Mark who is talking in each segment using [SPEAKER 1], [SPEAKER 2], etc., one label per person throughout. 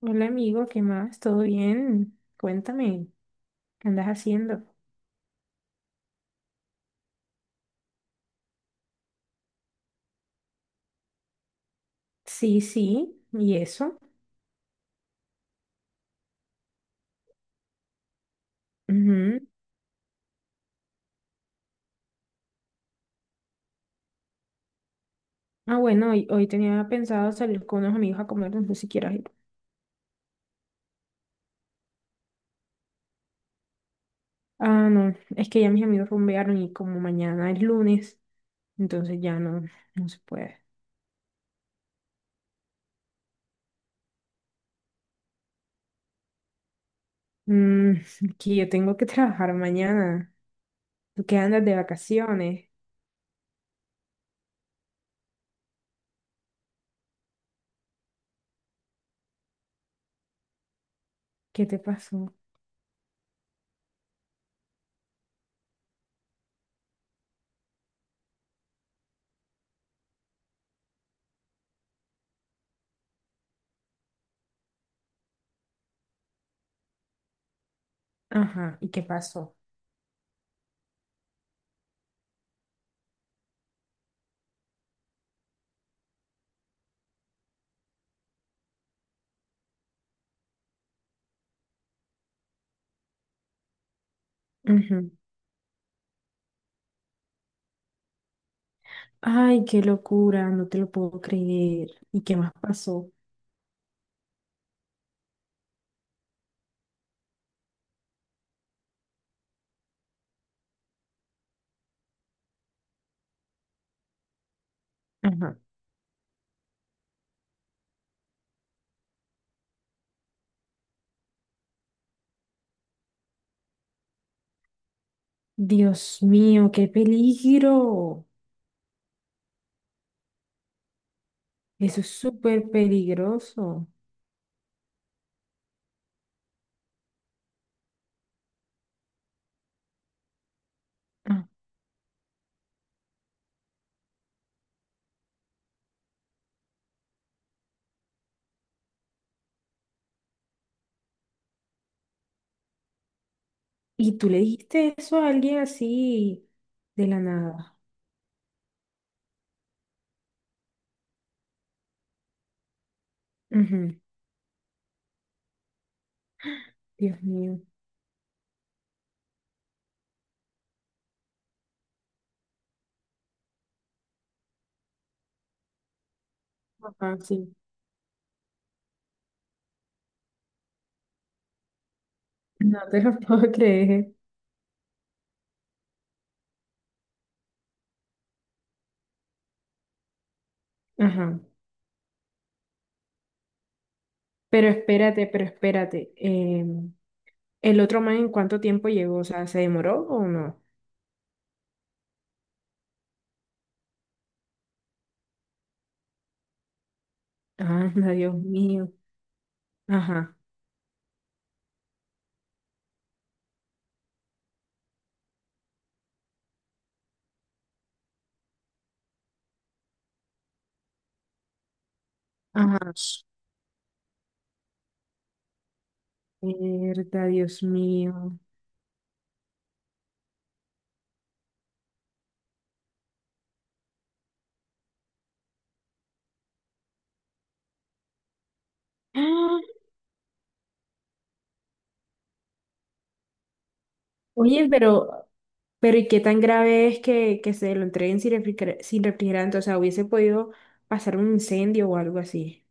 [SPEAKER 1] Hola amigo, ¿qué más? ¿Todo bien? Cuéntame, ¿qué andas haciendo? Sí, sí, ¿y eso? Ujú. Ah, bueno, hoy tenía pensado salir con unos amigos a comer, no sé si quieras ir. Ah, no, es que ya mis amigos rumbearon y como mañana es lunes, entonces ya no se puede. Mm, que yo tengo que trabajar mañana. ¿Tú qué andas de vacaciones? ¿Qué te pasó? Ajá, ¿y qué pasó? Ujú. Ay, qué locura, no te lo puedo creer. ¿Y qué más pasó? Ajá. Dios mío, qué peligro. Eso es súper peligroso. Ah. ¿Y tú le dijiste eso a alguien así de la nada? Ujú, Dios mío. Ajá, sí. No te lo puedo creer. Ajá. Pero espérate, pero espérate. ¿El otro man en cuánto tiempo llegó? O sea, ¿se demoró o no? Ah, Dios mío. Ajá. Ajá. Mierda, Dios mío. Oye, pero ¿y qué tan grave es que se lo entreguen sin sin refrigerante? O sea, hubiese podido pasar un incendio o algo así.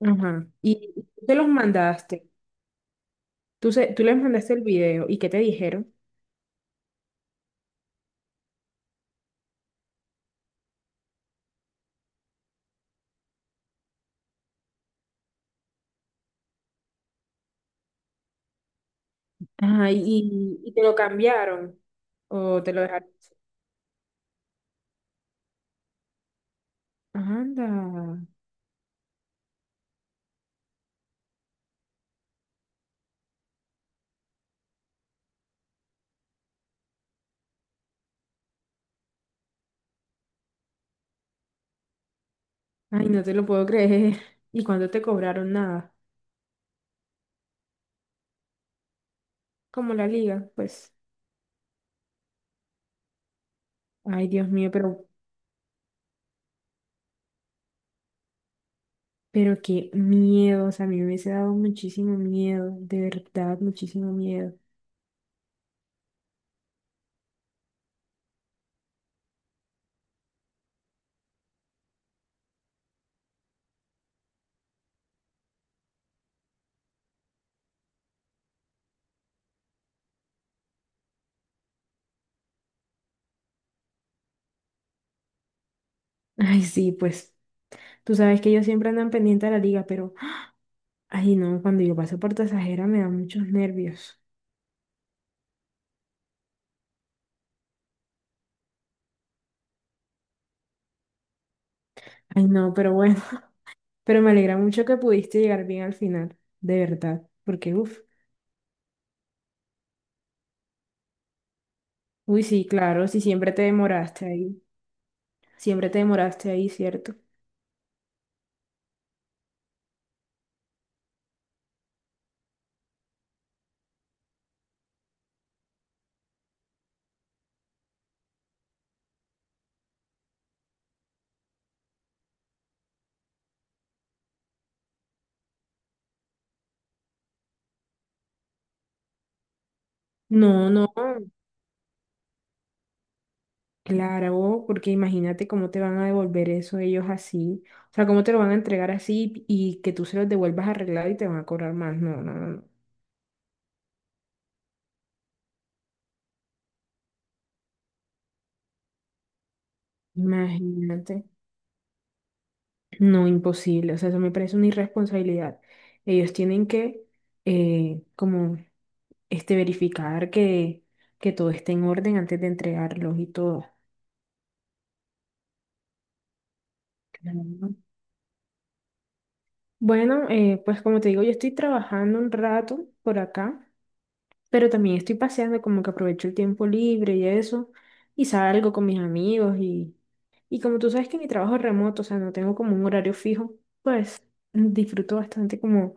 [SPEAKER 1] Ajá. Y tú te los mandaste. Tú, tú les mandaste el video. ¿Y qué te dijeron? Ajá. ¿ y te lo cambiaron? ¿O te lo dejaron? Anda. Ay, no te lo puedo creer. ¿Y cuándo te cobraron nada? Como la liga, pues. Ay, Dios mío, pero qué miedo, o sea, a mí me hubiese dado muchísimo miedo, de verdad, muchísimo miedo. Ay, sí, pues tú sabes que ellos siempre andan pendiente a la liga, pero, ay, no, cuando yo paso por Tasajera me dan muchos nervios. Ay, no, pero bueno, pero me alegra mucho que pudiste llegar bien al final, de verdad, porque, uff, uy, sí, claro, si siempre te demoraste ahí, siempre te demoraste ahí, ¿cierto? No, no. Claro, porque imagínate cómo te van a devolver eso ellos así. O sea, cómo te lo van a entregar así y que tú se los devuelvas arreglado y te van a cobrar más. No, no, no. Imagínate. No, imposible. O sea, eso me parece una irresponsabilidad. Ellos tienen como, verificar que todo esté en orden antes de entregarlos y todo. Claro. ¿no? Bueno, pues como te digo, yo estoy trabajando un rato por acá. Pero también estoy paseando, como que aprovecho el tiempo libre y eso, y salgo con mis amigos y como tú sabes que mi trabajo es remoto, o sea, no tengo como un horario fijo, pues disfruto bastante como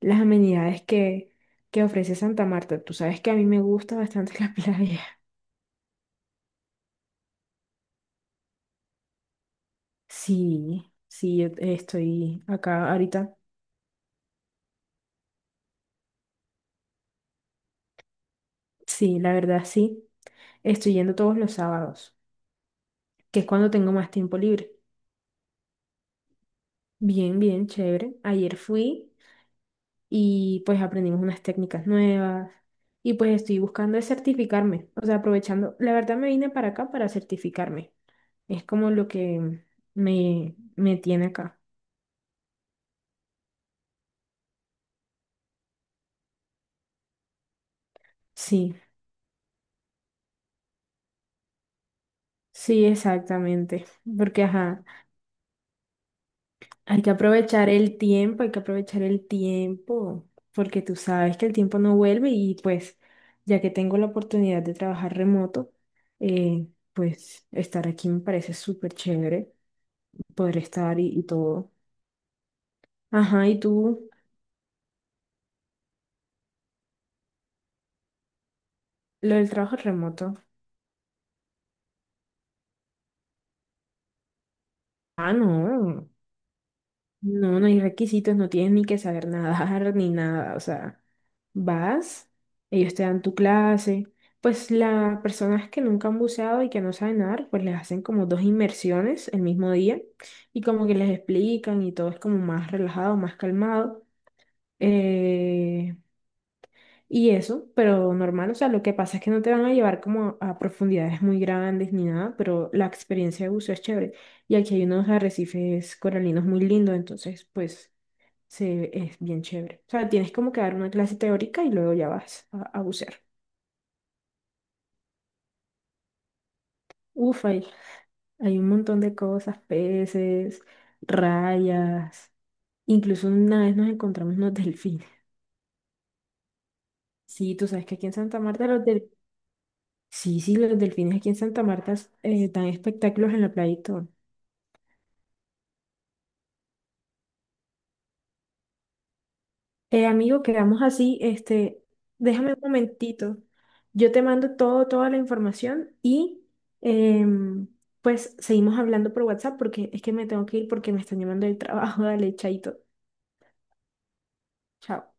[SPEAKER 1] las amenidades que ofrece Santa Marta. Tú sabes que a mí me gusta bastante la playa. Sí, sí, yo estoy acá ahorita. Sí, la verdad sí. Estoy yendo todos los sábados, que es cuando tengo más tiempo libre. Bien, bien, chévere. Ayer fui. Y pues aprendimos unas técnicas nuevas y pues estoy buscando es certificarme, o sea, aprovechando, la verdad me vine para acá para certificarme, es como lo que me tiene acá. Sí, sí, exactamente, porque ajá, hay que aprovechar el tiempo, hay que aprovechar el tiempo, porque tú sabes que el tiempo no vuelve y pues ya que tengo la oportunidad de trabajar remoto, eh, pues estar aquí me parece súper chévere, poder estar y todo. Ajá, ¿y tú? Lo del trabajo remoto. Ah, no. No, no hay requisitos, no tienes ni que saber nadar ni nada. O sea, vas, ellos te dan tu clase. Pues las personas que nunca han buceado y que no saben nadar, pues les hacen como dos inmersiones el mismo día y como que les explican y todo es como más relajado, más calmado. Eh, Y eso, pero normal, o sea, lo que pasa es que no te van a llevar como a profundidades muy grandes ni nada, pero la experiencia de buceo es chévere. Y aquí hay unos arrecifes coralinos muy lindos, entonces pues es bien chévere. O sea, tienes como que dar una clase teórica y luego ya vas a bucear. Uf, hay un montón de cosas, peces, rayas, incluso una vez nos encontramos unos delfines. Sí, tú sabes que aquí en Santa Marta los del, sí, sí, los delfines aquí en Santa Marta dan espectáculos en la playa y todo. Amigo, quedamos así, déjame un momentito. Yo te mando todo, toda la información y em, pues seguimos hablando por WhatsApp porque es que me tengo que ir porque me están llamando del trabajo. Dale, chaito. Chao.